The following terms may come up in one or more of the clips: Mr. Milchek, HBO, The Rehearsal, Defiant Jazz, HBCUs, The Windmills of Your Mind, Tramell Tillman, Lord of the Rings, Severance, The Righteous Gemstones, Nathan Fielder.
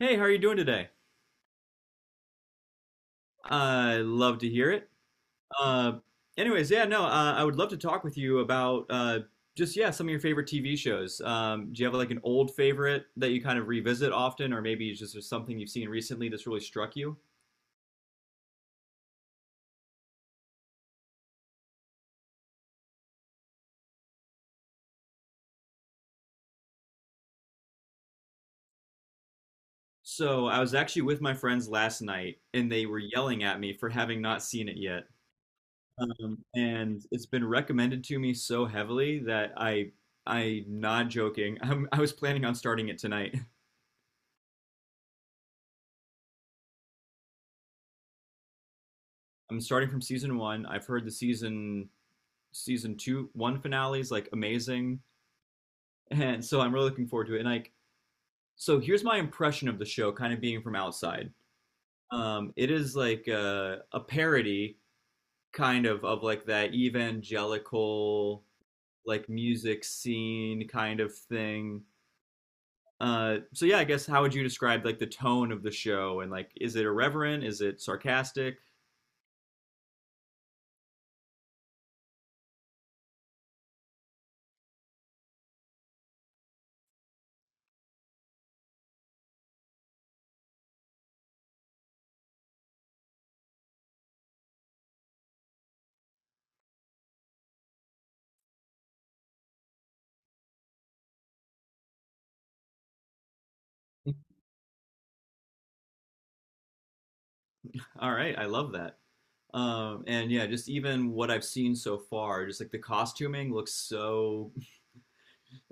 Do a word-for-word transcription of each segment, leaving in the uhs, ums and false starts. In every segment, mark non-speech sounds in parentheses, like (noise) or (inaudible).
Hey, how are you doing today? I love to hear it. Uh, anyways, yeah, no, uh, I would love to talk with you about uh, just yeah some of your favorite T V shows. Um, do you have like an old favorite that you kind of revisit often, or maybe it's just there's something you've seen recently that's really struck you? So I was actually with my friends last night, and they were yelling at me for having not seen it yet. Um, and it's been recommended to me so heavily that I, I'm not joking. (laughs) I'm, I was planning on starting it tonight. I'm starting from season one. I've heard the season season two one finale is like amazing, (laughs) and so I'm really looking forward to it. And like, so here's my impression of the show, kind of being from outside. Um, it is like a, a parody, kind of, of like that evangelical like music scene kind of thing. Uh, so yeah, I guess how would you describe like the tone of the show, and like is it irreverent? Is it sarcastic? All right, I love that. Um, and yeah, just even what I've seen so far, just like the costuming looks so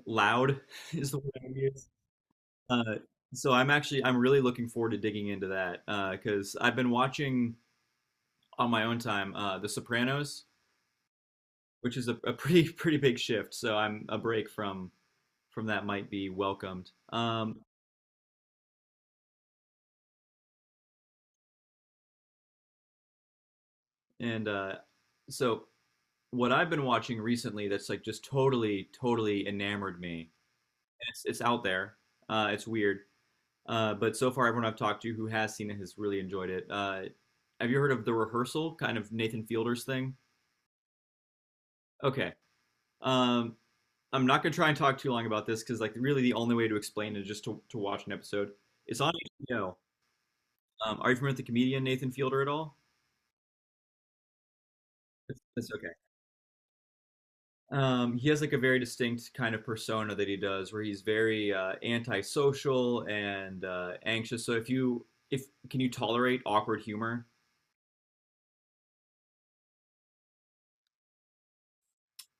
loud (laughs) is the word I use. Uh, so I'm actually I'm really looking forward to digging into that, uh, because I've been watching on my own time, uh, The Sopranos, which is a, a pretty (laughs) pretty big shift. So I'm a break from from that might be welcomed. Um, and uh, so what I've been watching recently that's like just totally totally enamored me. It's it's out there. Uh, it's weird. Uh, but so far, everyone I've talked to who has seen it has really enjoyed it. Uh, have you heard of The Rehearsal, kind of Nathan Fielder's thing? Okay. Um, I'm not going to try and talk too long about this because, like, really the only way to explain it is just to, to watch an episode. It's on H B O. Um, are you familiar with the comedian Nathan Fielder at all? That's, that's okay. Um, he has like a very distinct kind of persona that he does, where he's very, uh, antisocial and, uh, anxious. So if you, if can you tolerate awkward humor?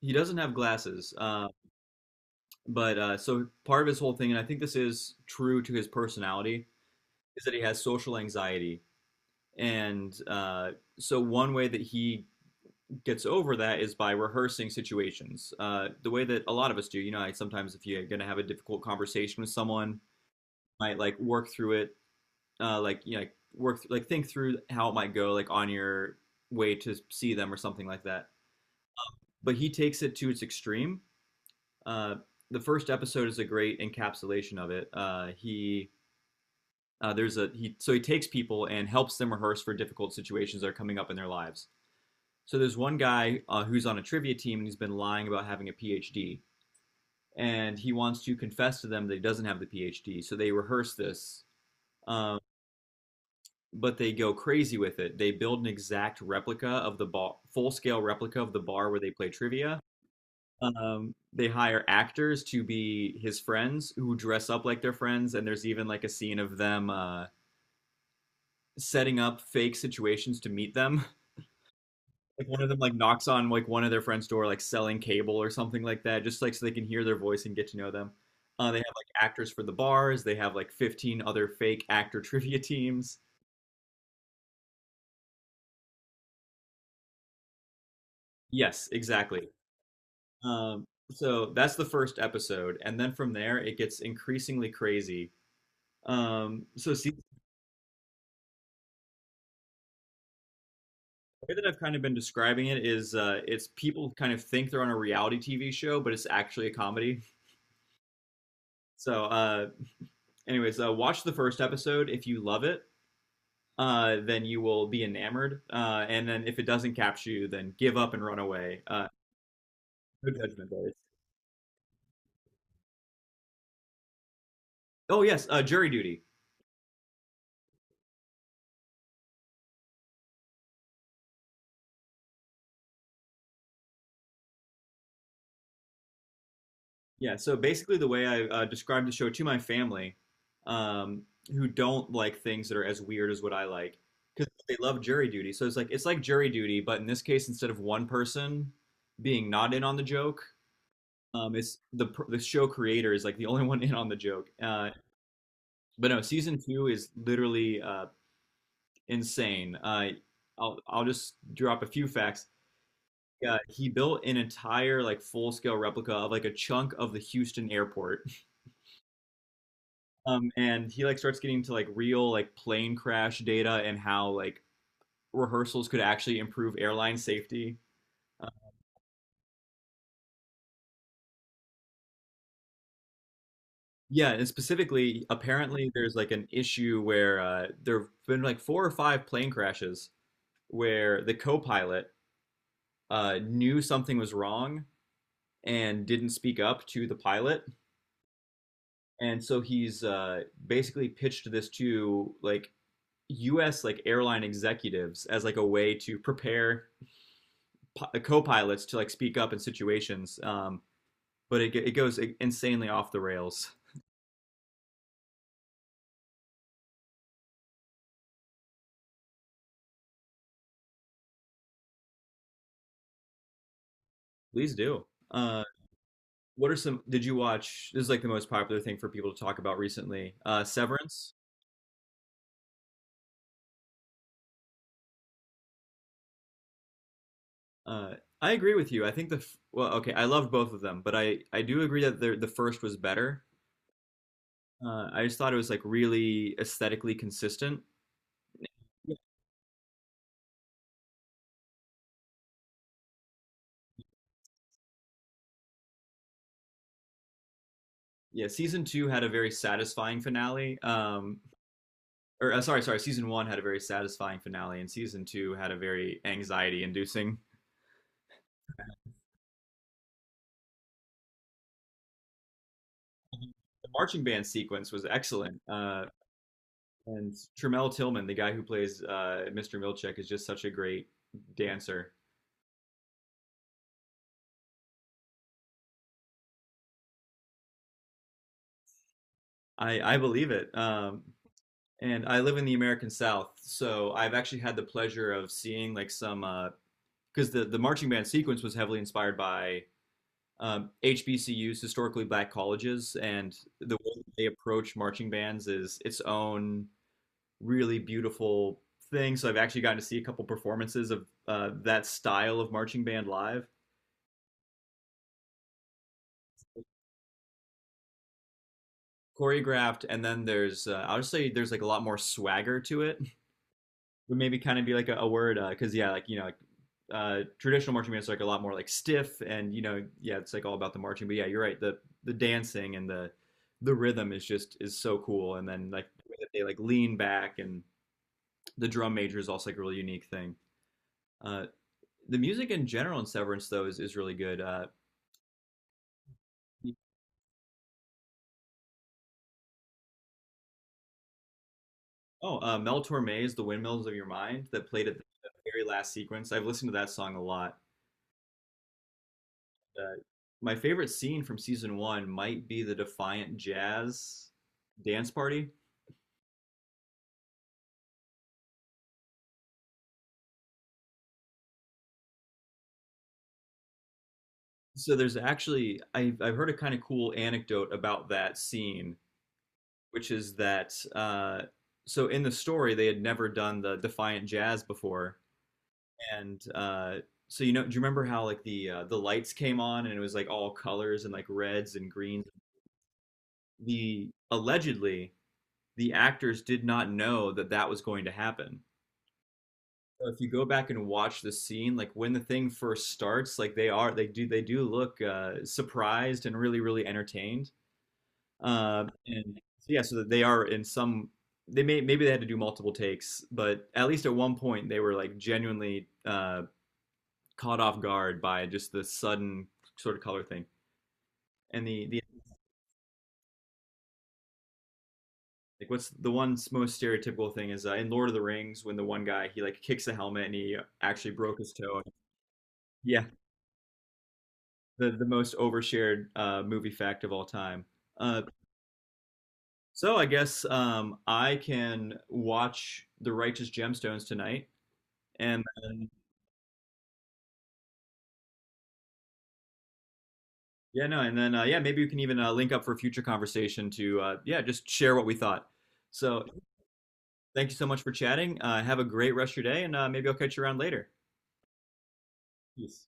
He doesn't have glasses. Um, But uh, so part of his whole thing, and I think this is true to his personality, is that he has social anxiety. And, uh, so one way that he gets over that is by rehearsing situations, uh, the way that a lot of us do. You know, like sometimes if you're going to have a difficult conversation with someone, might like work through it, uh, like you know, like, work th- like think through how it might go, like on your way to see them or something like that. But he takes it to its extreme. Uh, the first episode is a great encapsulation of it. Uh, he Uh, there's a he so he takes people and helps them rehearse for difficult situations that are coming up in their lives. So there's one guy, uh, who's on a trivia team and he's been lying about having a PhD, and he wants to confess to them that he doesn't have the PhD. So they rehearse this. Um, but they go crazy with it. They build an exact replica of the bar, full-scale replica of the bar where they play trivia. Um, they hire actors to be his friends who dress up like their friends, and there's even like a scene of them, uh, setting up fake situations to meet them, like one of them like knocks on like one of their friend's door, like selling cable or something like that, just like so they can hear their voice and get to know them. Uh, they have like actors for the bars. They have like fifteen other fake actor (laughs) trivia teams. Yes, exactly. Um, so that's the first episode, and then from there it gets increasingly crazy. Um, so see, the way that I've kind of been describing it is, uh, it's people kind of think they're on a reality TV show, but it's actually a comedy. So, uh, anyways, uh, watch the first episode. If you love it, uh, then you will be enamored. Uh, and then if it doesn't capture you, then give up and run away. Uh, no judgment there. Oh yes, uh, jury duty. Yeah. So basically, the way I, uh, described the show to my family, um, who don't like things that are as weird as what I like, because they love jury duty. So it's like it's like jury duty, but in this case, instead of one person being not in on the joke, um, it's the the show creator is like the only (laughs) one in on the joke. Uh, but no, season two is literally, Uh, insane. Uh, I'll I'll just drop a few facts. Uh, he built an entire like full scale replica of like a chunk of the Houston airport. (laughs) Um, and he like starts getting into like real like plane crash data and how like rehearsals could actually improve airline safety. Uh, yeah, and specifically, apparently there's like an issue where, uh, there've been like four or five plane crashes where the co-pilot, uh, knew something was wrong and didn't speak up to the pilot. And so he's, uh, basically pitched this to like U S like airline executives as like a way to prepare pi- uh, co-pilots to like speak up in situations. Um, but it it goes insanely off the rails. Please do. Uh, what are some? Did you watch? This is like the most popular thing for people to talk about recently. Uh, Severance. Uh, I agree with you. I think the f- well, okay, I loved both of them, but I I do agree that the the first was better. Uh, I just thought it was like really aesthetically consistent. Yeah, season two had a very satisfying finale. Um, or uh, sorry, sorry, season one had a very satisfying finale, and season two had a very anxiety-inducing. The marching band sequence was excellent, uh, and Tramell Tillman, the guy who plays, uh, Mister Milchek, is just such a great dancer. I I believe it. Um, and I live in the American South, so I've actually had the pleasure of seeing like some, because uh, the the marching band sequence was heavily inspired by, um, H B C Us, historically black colleges, and the way that they approach marching bands is its own really beautiful thing. So I've actually gotten to see a couple performances of, uh, that style of marching band live, choreographed, and then there's, uh, I would say there's like a lot more swagger to it. Would maybe kind of be like a, a word, because uh, yeah, like you know, like, uh, traditional marching bands are like a lot more like stiff, and you know, yeah, it's like all about the marching. But yeah, you're right. The the dancing and the the rhythm is just is so cool. And then like the way that they like lean back, and the drum major is also like a really unique thing. Uh, the music in general in Severance, though, is is really good. Uh, oh, uh, Mel Torme's "The Windmills of Your Mind" that played at the very last sequence. I've listened to that song a lot. Uh, my favorite scene from season one might be the Defiant Jazz dance party. So there's actually I, I've heard a kind of cool anecdote about that scene, which is that, uh, so in the story they had never done the Defiant Jazz before, and, uh, so you know do you remember how like the uh, the lights came on and it was like all colors and like reds and greens? The allegedly the actors did not know that that was going to happen. So if you go back and watch the scene, like when the thing first starts, like they are, they do, they do look, uh, surprised and really, really entertained. Um, and so, yeah, so that they are in some, they may maybe they had to do multiple takes, but at least at one point they were like genuinely, uh, caught off guard by just the sudden sort of color thing. And the the like, what's the one most stereotypical thing is, uh, in Lord of the Rings when the one guy he like kicks a helmet and he actually broke his toe. Yeah, the the most overshared, uh, movie fact of all time. Uh, so I guess, um, I can watch The Righteous Gemstones tonight, and then, yeah, no, and then, uh, yeah, maybe we can even, uh, link up for future conversation to, uh, yeah, just share what we thought. So thank you so much for chatting. Uh, have a great rest of your day, and, uh, maybe I'll catch you around later. Peace.